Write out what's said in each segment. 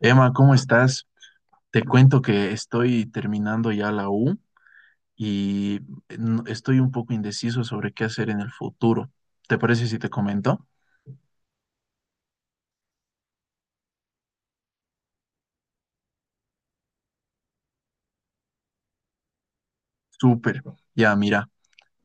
Emma, ¿cómo estás? Te cuento que estoy terminando ya la U y estoy un poco indeciso sobre qué hacer en el futuro. ¿Te parece si te comento? Súper. Ya, mira,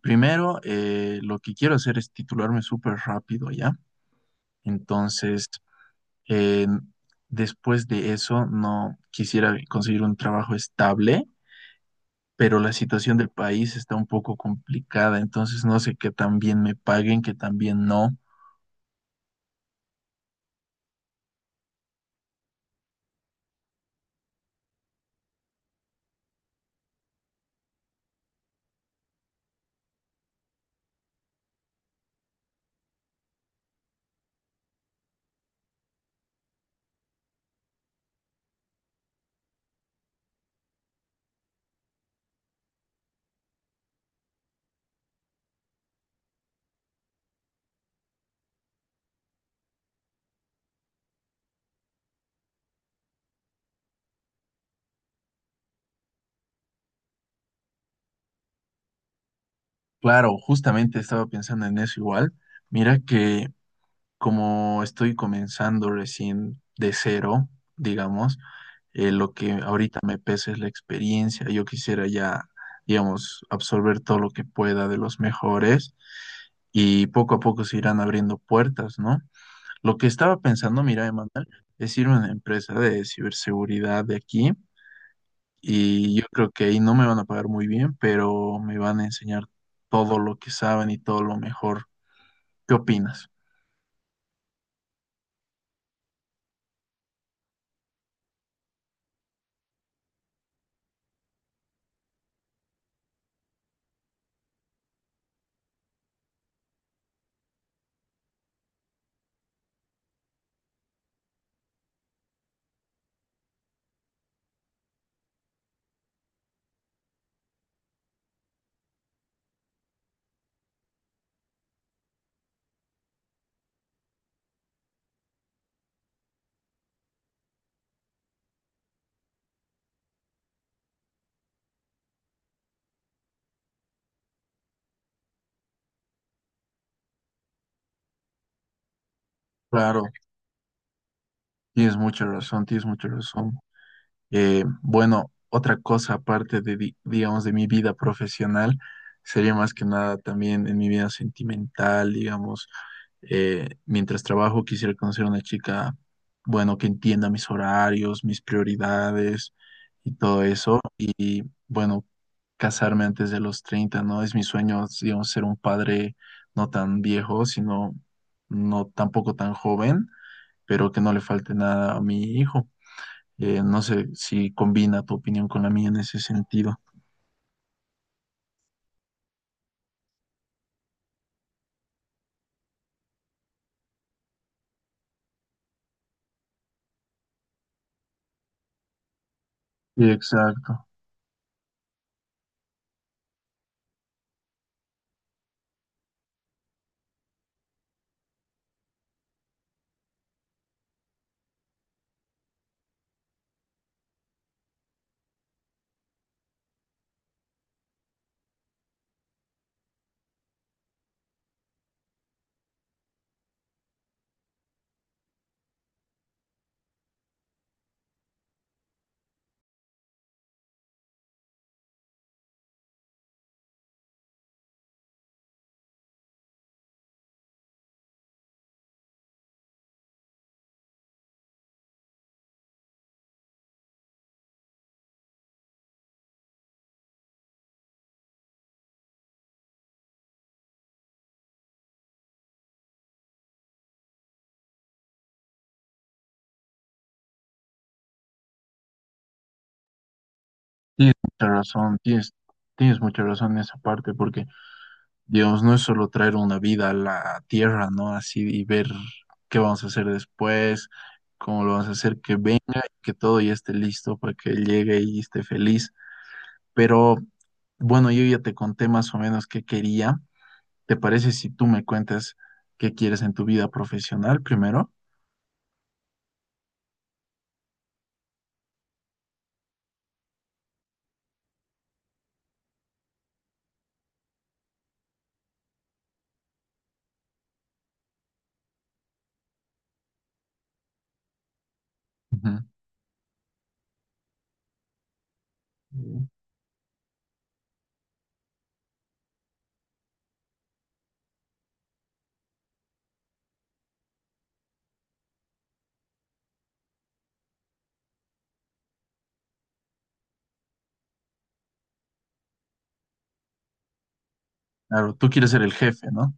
primero lo que quiero hacer es titularme súper rápido, ¿ya? Entonces, eh, después de eso, no quisiera conseguir un trabajo estable, pero la situación del país está un poco complicada, entonces no sé qué tan bien me paguen, qué tan bien no. Claro, justamente estaba pensando en eso igual. Mira que como estoy comenzando recién de cero, digamos, lo que ahorita me pesa es la experiencia. Yo quisiera ya, digamos, absorber todo lo que pueda de los mejores y poco a poco se irán abriendo puertas, ¿no? Lo que estaba pensando, mira, Emanuel, es ir a una empresa de ciberseguridad de aquí y yo creo que ahí no me van a pagar muy bien, pero me van a enseñar todo lo que saben y todo lo mejor. ¿Qué opinas? Claro, tienes mucha razón, tienes mucha razón. Bueno, otra cosa aparte de, digamos, de mi vida profesional, sería más que nada también en mi vida sentimental, digamos, mientras trabajo quisiera conocer a una chica, bueno, que entienda mis horarios, mis prioridades y todo eso. Bueno, casarme antes de los 30, ¿no? Es mi sueño, digamos, ser un padre no tan viejo, sino no tampoco tan joven, pero que no le falte nada a mi hijo. No sé si combina tu opinión con la mía en ese sentido. Sí, exacto. Tienes mucha razón, tienes, tienes mucha razón en esa parte, porque Dios, no es solo traer una vida a la tierra, ¿no? Así y ver qué vamos a hacer después, cómo lo vamos a hacer, que venga, que todo ya esté listo para que él llegue y esté feliz. Pero bueno, yo ya te conté más o menos qué quería. ¿Te parece si tú me cuentas qué quieres en tu vida profesional primero? Ujú. Claro, tú quieres ser el jefe, ¿no?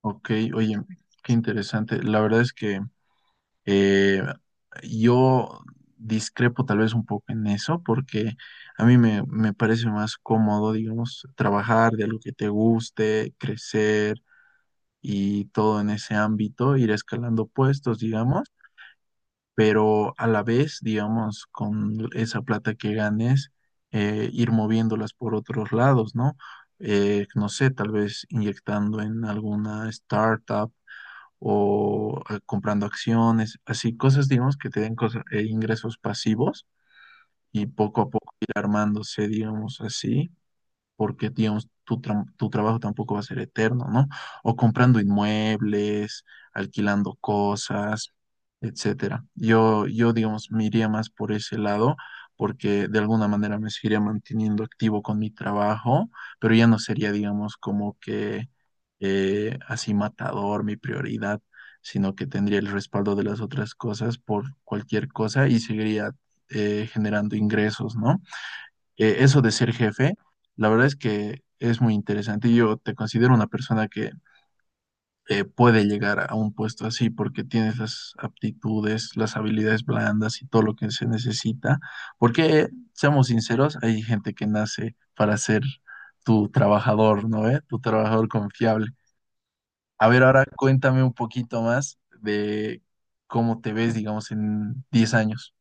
Ok, oye, qué interesante. La verdad es que Eh, yo discrepo tal vez un poco en eso porque a mí me parece más cómodo, digamos, trabajar de algo que te guste, crecer y todo en ese ámbito, ir escalando puestos, digamos, pero a la vez, digamos, con esa plata que ganes, ir moviéndolas por otros lados, ¿no? No sé, tal vez inyectando en alguna startup o comprando acciones, así cosas, digamos, que te den ingresos pasivos y poco a poco ir armándose, digamos, así porque, digamos, tu trabajo tampoco va a ser eterno, ¿no? O comprando inmuebles, alquilando cosas, etcétera. Yo, digamos, me iría más por ese lado, porque de alguna manera me seguiría manteniendo activo con mi trabajo, pero ya no sería, digamos, como que así matador mi prioridad, sino que tendría el respaldo de las otras cosas por cualquier cosa y seguiría generando ingresos, ¿no? Eh, eso de ser jefe, la verdad es que es muy interesante. Yo te considero una persona que puede llegar a un puesto así porque tienes las aptitudes, las habilidades blandas y todo lo que se necesita. Porque, seamos sinceros, hay gente que nace para ser tu trabajador, ¿no? ¿Eh? Tu trabajador confiable. A ver, ahora cuéntame un poquito más de cómo te ves, digamos, en 10 años.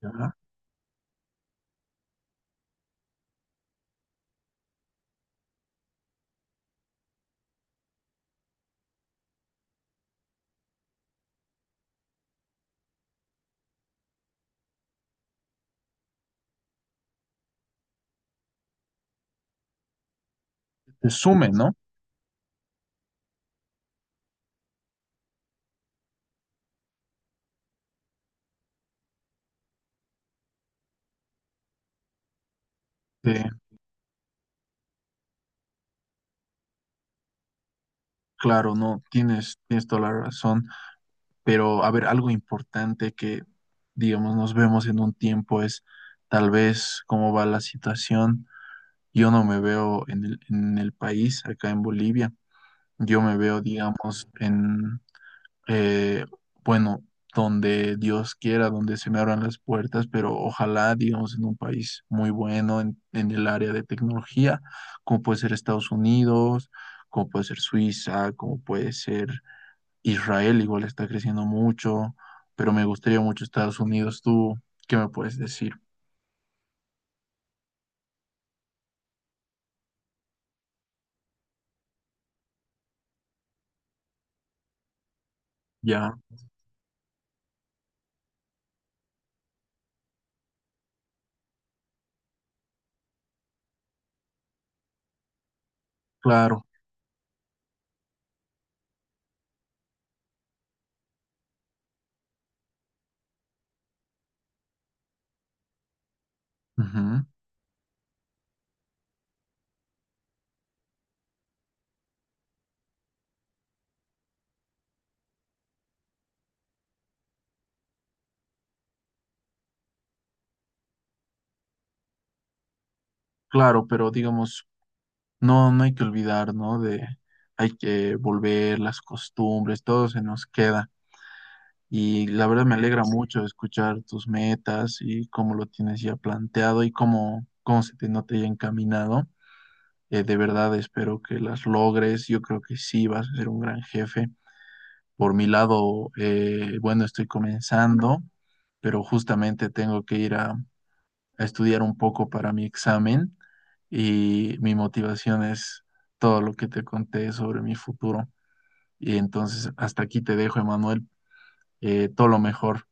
¿Verdad? Te sume, ¿no? Eh, claro, no, tienes, tienes toda la razón. Pero, a ver, algo importante que, digamos, nos vemos en un tiempo es tal vez cómo va la situación. Yo no me veo en en el país, acá en Bolivia. Yo me veo, digamos, en, eh, bueno, donde Dios quiera, donde se me abran las puertas, pero ojalá, digamos, en un país muy bueno en el área de tecnología, como puede ser Estados Unidos, como puede ser Suiza, como puede ser Israel igual está creciendo mucho, pero me gustaría mucho Estados Unidos. ¿Tú qué me puedes decir? Ya, claro, ujú, claro, pero digamos, no, no hay que olvidar, ¿no? De, hay que volver las costumbres, todo se nos queda. Y la verdad me alegra mucho escuchar tus metas y cómo lo tienes ya planteado y cómo, cómo se te nota ya encaminado. De verdad espero que las logres. Yo creo que sí vas a ser un gran jefe. Por mi lado, bueno, estoy comenzando, pero justamente tengo que ir a estudiar un poco para mi examen y mi motivación es todo lo que te conté sobre mi futuro. Y entonces, hasta aquí te dejo, Emanuel. Todo lo mejor.